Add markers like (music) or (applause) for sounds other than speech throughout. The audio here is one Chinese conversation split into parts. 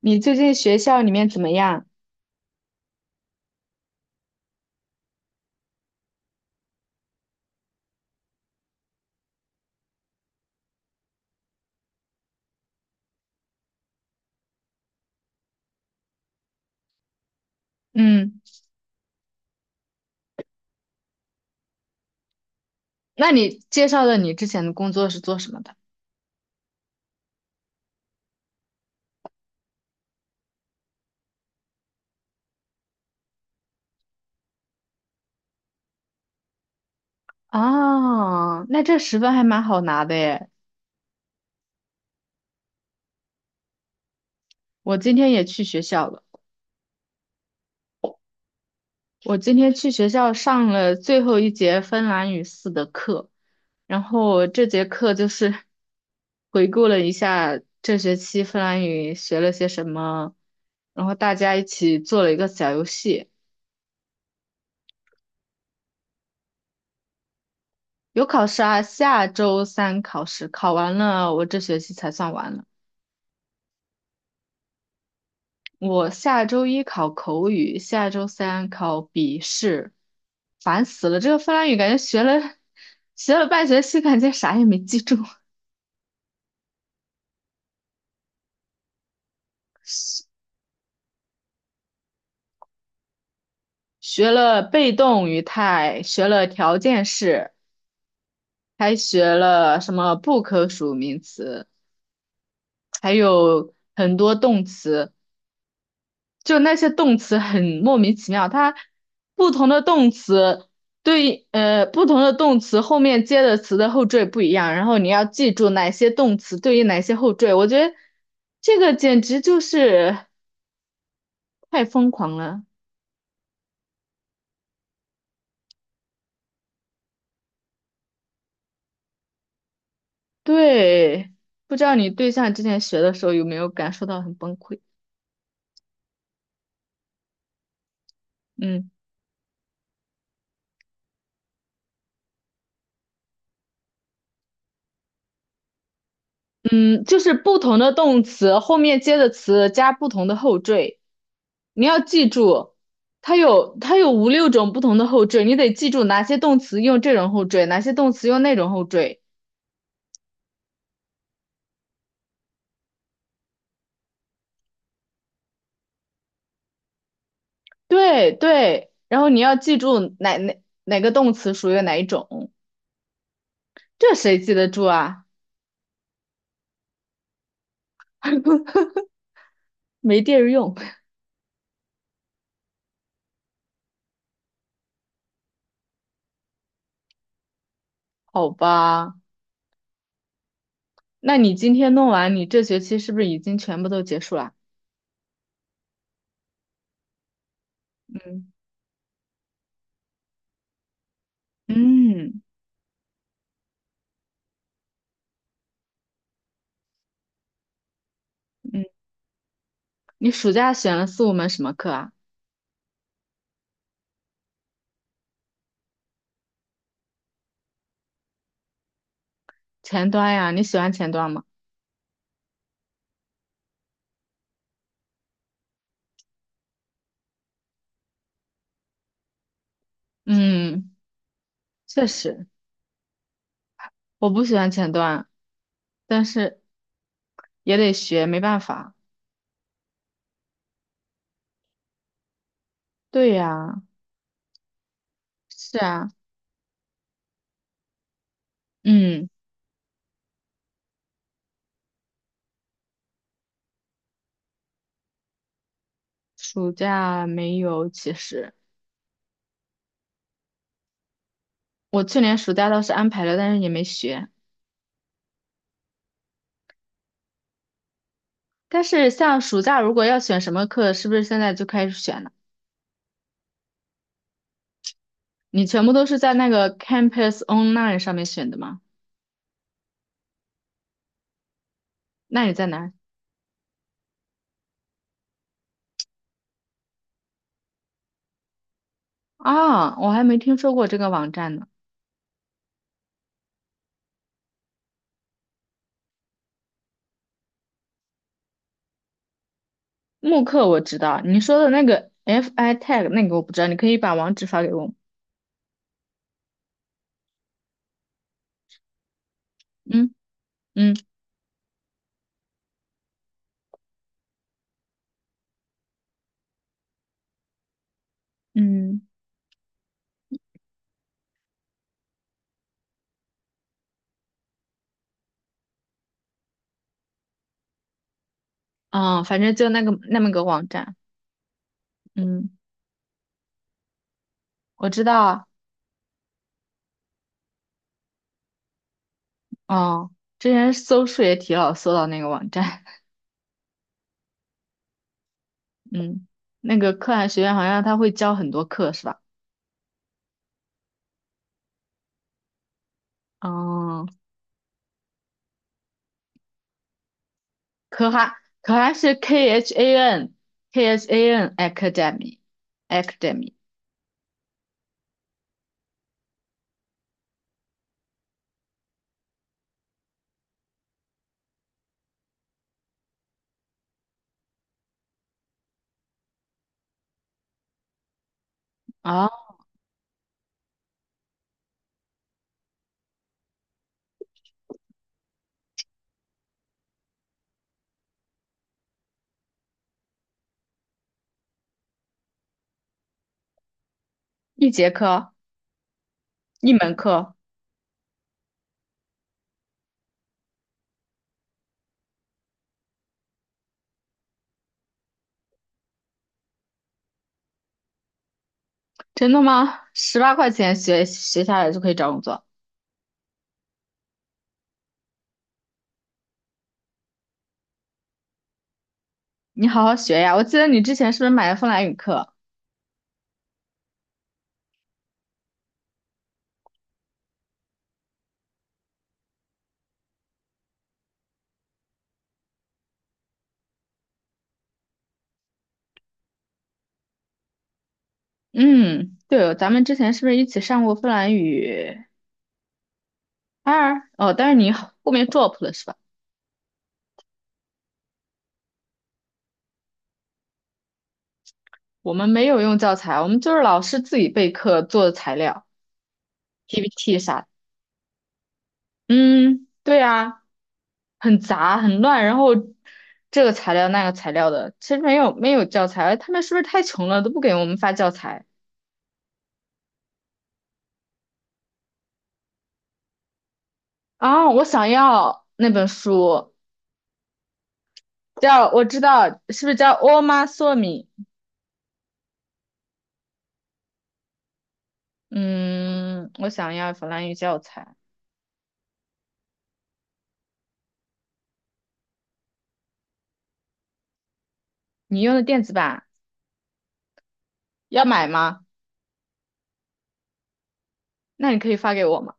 你最近学校里面怎么样？嗯，那你介绍的你之前的工作是做什么的？啊，那这十分还蛮好拿的耶。我今天也去学校了，我今天去学校上了最后一节芬兰语四的课，然后这节课就是 (laughs) 回顾了一下这学期芬兰语学了些什么，然后大家一起做了一个小游戏。有考试啊，下周三考试，考完了我这学期才算完了。我下周一考口语，下周三考笔试，烦死了！这个芬兰语感觉学了半学期，感觉啥也没记住。(laughs) 学了被动语态，学了条件式，还学了什么不可数名词，还有很多动词。就那些动词很莫名其妙，它不同的动词对，不同的动词后面接的词的后缀不一样，然后你要记住哪些动词对应哪些后缀。我觉得这个简直就是太疯狂了。对，不知道你对象之前学的时候有没有感受到很崩溃？嗯嗯，就是不同的动词后面接的词加不同的后缀。你要记住，它有五六种不同的后缀，你得记住哪些动词用这种后缀，哪些动词用那种后缀。对对，然后你要记住哪个动词属于哪一种，这谁记得住啊？(laughs) 没地儿用，好吧？那你今天弄完，你这学期是不是已经全部都结束了？嗯嗯嗯，你暑假选了四五门什么课啊？前端呀，你喜欢前端吗？嗯，确实，我不喜欢前端。但是也得学，没办法。对呀，是啊，嗯，暑假没有，其实我去年暑假倒是安排了，但是也没学。但是像暑假如果要选什么课，是不是现在就开始选了？你全部都是在那个 Campus Online 上面选的吗？那你在哪儿啊，我还没听说过这个网站呢。慕课我知道，你说的那个 FI t c h 那个我不知道，你可以把网址发给我吗？嗯嗯嗯，啊，反正就那个那么个网站。嗯，我知道啊，哦，之前搜数学题老搜到那个网站，(laughs) 嗯，那个可汗学院好像他会教很多课是吧？哦，可汗可汗是 K H A N Academy 啊，一节课一门课，真的吗？十八块钱学下来就可以找工作，你好好学呀！我记得你之前是不是买了芬兰语课？嗯，对哦，咱们之前是不是一起上过芬兰语？当然，哦，但是你后面 drop 了是吧？我们没有用教材，我们就是老师自己备课做的材料、PPT 啥的嗯，对啊，很杂很乱，然后这个材料那个材料的，其实没有教材，他们是不是太穷了都不给我们发教材啊？我想要那本书，叫我知道是不是叫《欧妈索米》？嗯，我想要法兰语教材，你用的电子版要买吗？那你可以发给我吗？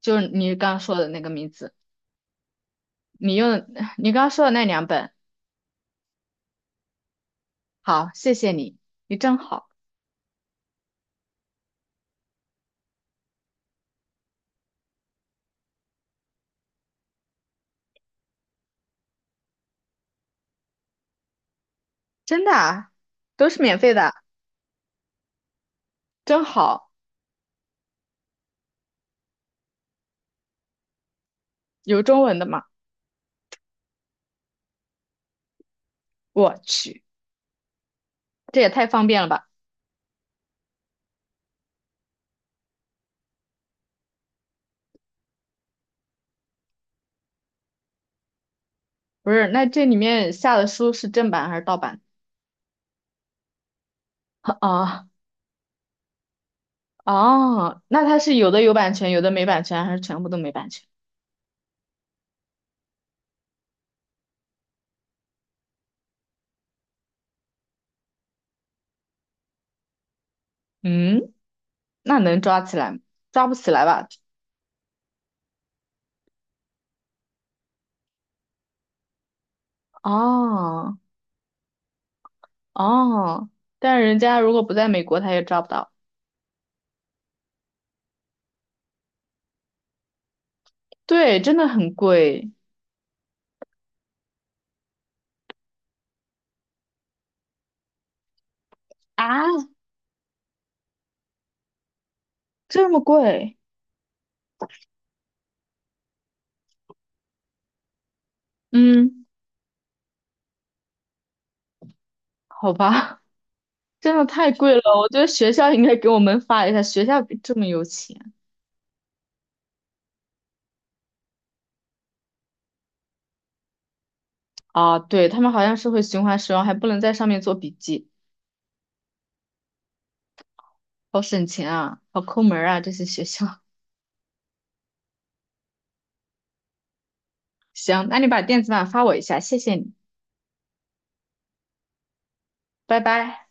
就是你刚刚说的那个名字，你用的 (laughs) 你刚刚说的那两本，好，谢谢你，你真好，真的啊，都是免费的，真好，有中文的吗？我去，这也太方便了吧！不是，那这里面下的书是正版还是盗版？(laughs) 啊哦，那它是有的有版权，有的没版权，还是全部都没版权？嗯，那能抓起来吗？抓不起来吧？哦哦，但是人家如果不在美国，他也抓不到。对，真的很贵，啊，这么贵？嗯，好吧，(laughs) 真的太贵了，我觉得学校应该给我们发一下，学校比这么有钱啊，对，他们好像是会循环使用，还不能在上面做笔记，好省钱啊，好抠门儿啊，这些学校。(laughs) 行，那你把电子版发我一下，谢谢你，拜拜。